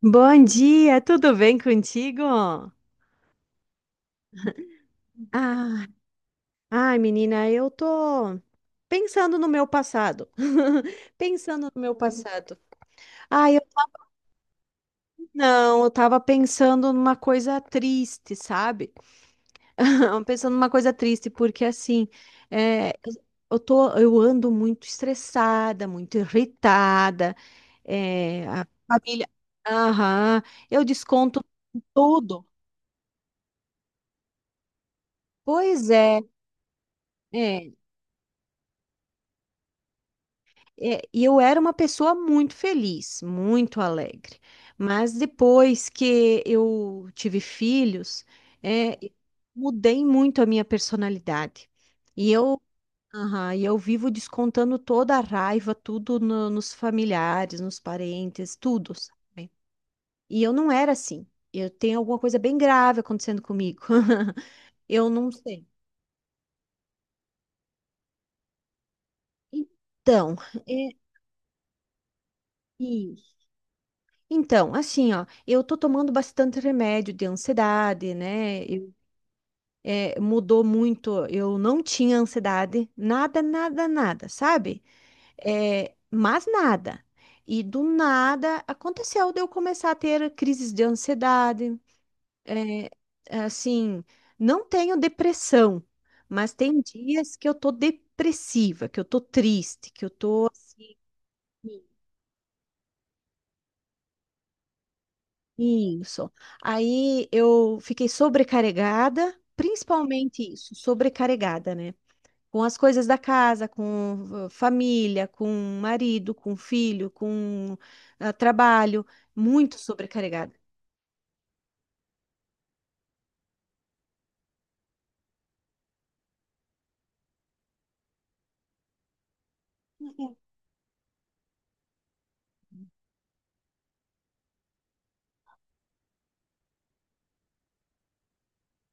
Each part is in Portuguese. Bom dia, tudo bem contigo? Ah, ai, menina, eu tô pensando no meu passado. Pensando no meu passado. Ah, eu não, eu tava pensando numa coisa triste, sabe? Pensando numa coisa triste, porque assim, é, eu tô, eu ando muito estressada, muito irritada, é, a família. Aham, eu desconto tudo. Pois é. É. É, e eu era uma pessoa muito feliz, muito alegre. Mas depois que eu tive filhos, é, mudei muito a minha personalidade. E eu, aham, e eu vivo descontando toda a raiva, tudo no- nos familiares, nos parentes, tudo, sabe? E eu não era assim. Eu tenho alguma coisa bem grave acontecendo comigo. Eu não sei. Então, é, então, assim, ó, eu tô tomando bastante remédio de ansiedade, né? Eu- é, mudou muito. Eu não tinha ansiedade, nada, nada, nada, sabe? É, mas nada. E do nada aconteceu de eu começar a ter crises de ansiedade. É, assim, não tenho depressão, mas tem dias que eu tô depressiva, que eu tô triste, que eu tô assim. Isso. Aí eu fiquei sobrecarregada, principalmente isso, sobrecarregada, né? Com as coisas da casa, com eh, família, com marido, com filho, com ah, trabalho, muito sobrecarregada.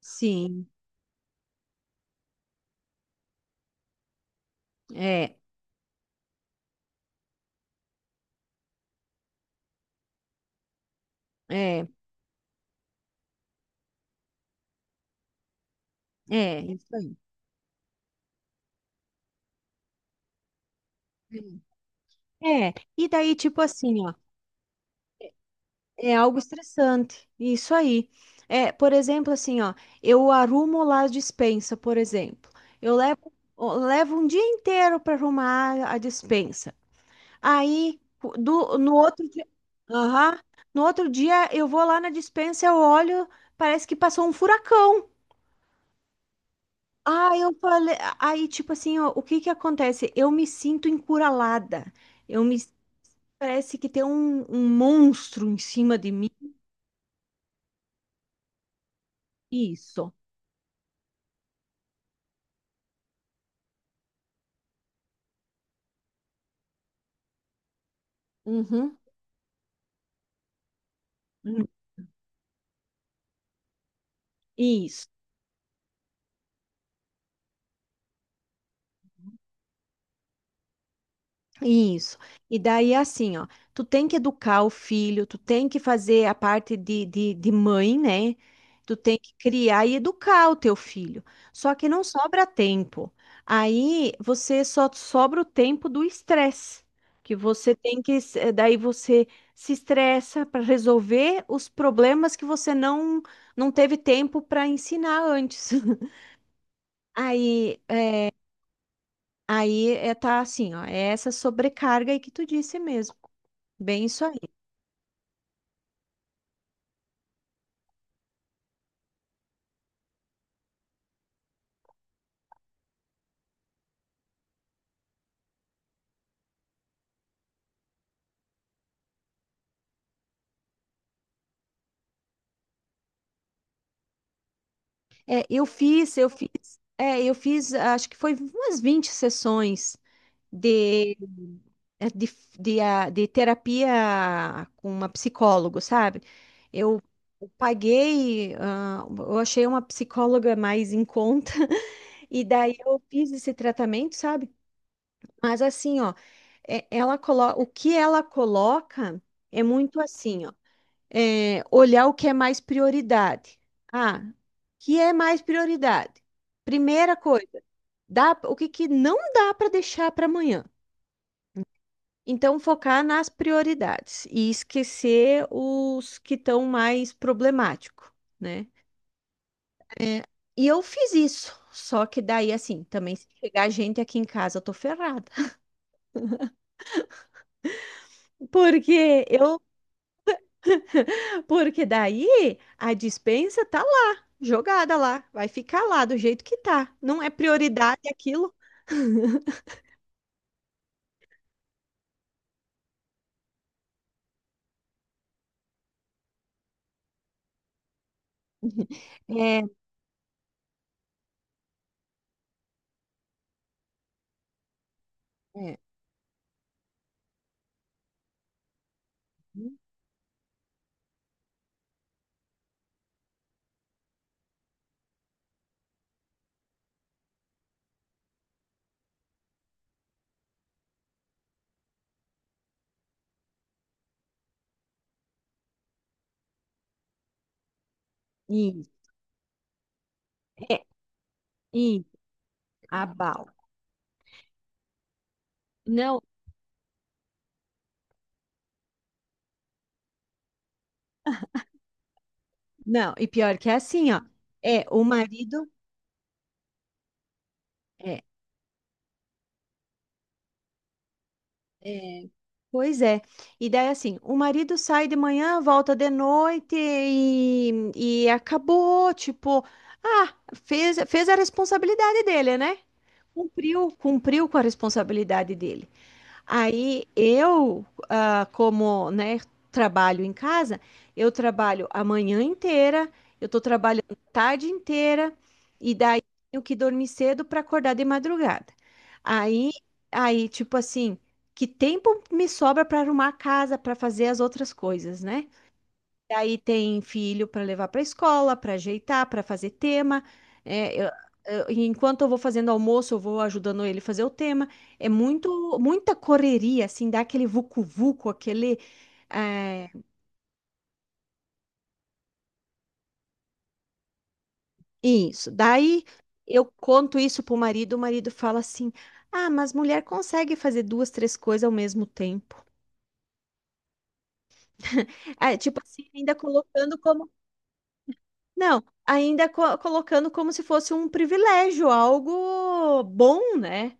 Sim, é, é, é, isso aí. É, e daí, tipo assim, ó. É algo estressante, isso aí. É, por exemplo, assim, ó, eu arrumo lá a despensa, por exemplo. Eu levo um dia inteiro para arrumar a despensa. Aí, do, no outro dia, aham, no outro dia eu vou lá na despensa, eu olho, parece que passou um furacão. Ah, eu falei, aí tipo assim, ó, o que que acontece? Eu me sinto encurralada. Eu me parece que tem um monstro em cima de mim. Isso. Uhum. Isso, isso. E daí, assim, ó, tu tem que educar o filho, tu tem que fazer a parte de mãe, né? Tu tem que criar e educar o teu filho. Só que não sobra tempo. Aí você só sobra o tempo do estresse, que você tem que, s- eh, daí você se estressa para resolver os problemas que você não teve tempo para ensinar antes. Aí, aí é, tá assim, ó, é essa sobrecarga aí que tu disse mesmo. Bem isso aí. É, eu fiz, eu fiz, é, eu fiz, acho que foi umas 20 sessões de, é, de terapia com uma psicóloga, sabe? Eu eu paguei, ah, eu achei uma psicóloga mais em conta, e daí eu fiz esse tratamento, sabe? Mas assim, ó, é- ela colo... o que ela coloca é muito assim, ó. É, olhar o que é mais prioridade. Ah, o que é mais prioridade? Primeira coisa, dá, o que, que não dá para deixar para amanhã. Então, focar nas prioridades e esquecer os que estão mais problemáticos, né? É, e eu fiz isso. Só que daí, assim, também se chegar gente aqui em casa, eu tô ferrada. Porque eu, porque daí a dispensa tá lá, jogada lá, vai ficar lá do jeito que tá. Não é prioridade aquilo, é, é. Isso, é, isso, abalo. Não, não, e pior que é assim, ó. É, o marido. É, é, pois é. E daí, assim, o marido sai de manhã, volta de noite e acabou, tipo, ah, fez a responsabilidade dele, né? Cumpriu com a responsabilidade dele. Aí eu, ah, como, né, trabalho em casa, eu trabalho a manhã inteira, eu estou trabalhando a tarde inteira e daí tenho que dormir cedo para acordar de madrugada. Aí, aí tipo assim, que tempo me sobra para arrumar a casa, para fazer as outras coisas, né? E aí tem filho para levar para a escola, para ajeitar, para fazer tema. É, enquanto eu vou fazendo almoço, eu vou ajudando ele fazer o tema. É muita correria, assim, dá aquele vucu-vucu, aquele. É, isso. Daí eu conto isso pro marido, o marido fala assim: Ah, mas mulher consegue fazer duas, três coisas ao mesmo tempo. Ah, tipo assim, ainda colocando como. Não, ainda co- colocando como se fosse um privilégio, algo bom, né?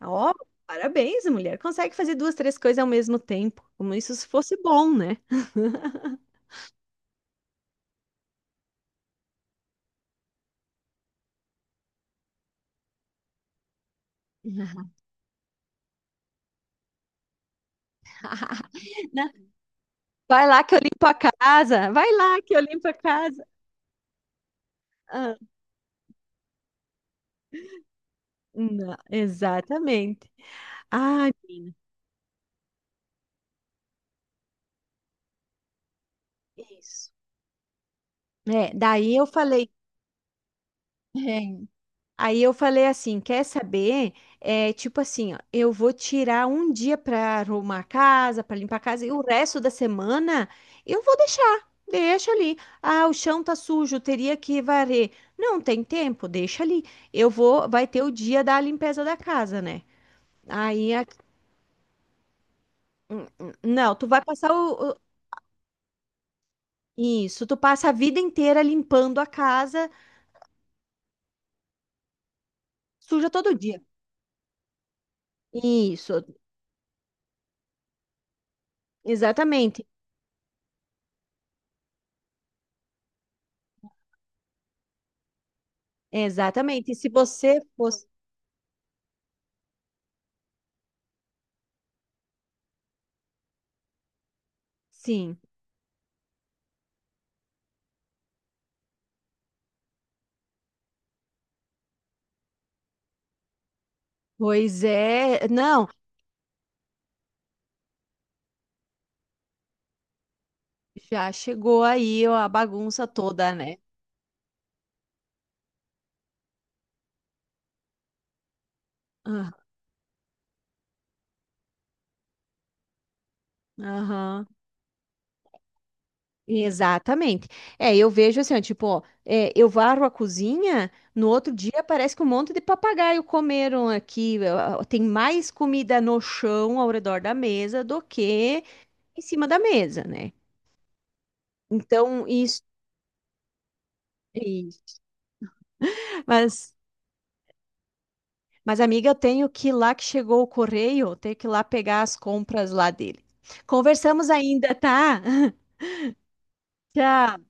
Ó, parabéns, a mulher. Consegue fazer duas, três coisas ao mesmo tempo. Como isso se fosse bom, né? Não, vai lá que eu limpo a casa. Vai lá que eu limpo a casa. Ah, não, exatamente. Ah, isso. É, daí eu falei. É, aí eu falei assim, quer saber? É, tipo assim, ó, eu vou tirar um dia para arrumar a casa, para limpar a casa, e o resto da semana eu vou deixar, deixa ali. Ah, o chão tá sujo, teria que varrer. Não tem tempo, deixa ali. Eu vou, vai ter o dia da limpeza da casa, né? Aí, a- não, tu vai passar o- isso, tu passa a vida inteira limpando a casa, suja todo dia. Isso, exatamente, exatamente. E se você fosse, sim. Pois é, não, já chegou aí ó, a bagunça toda, né? Ah, aham, exatamente. É, eu vejo assim, ó, tipo, ó, é, eu varro a cozinha, no outro dia parece que um monte de papagaio comeram aqui. Ó, ó, tem mais comida no chão ao redor da mesa do que em cima da mesa, né? Então, isso, isso. Mas, mas, amiga, eu tenho que ir lá que chegou o correio, eu tenho que ir lá pegar as compras lá dele. Conversamos ainda, tá? Tchau.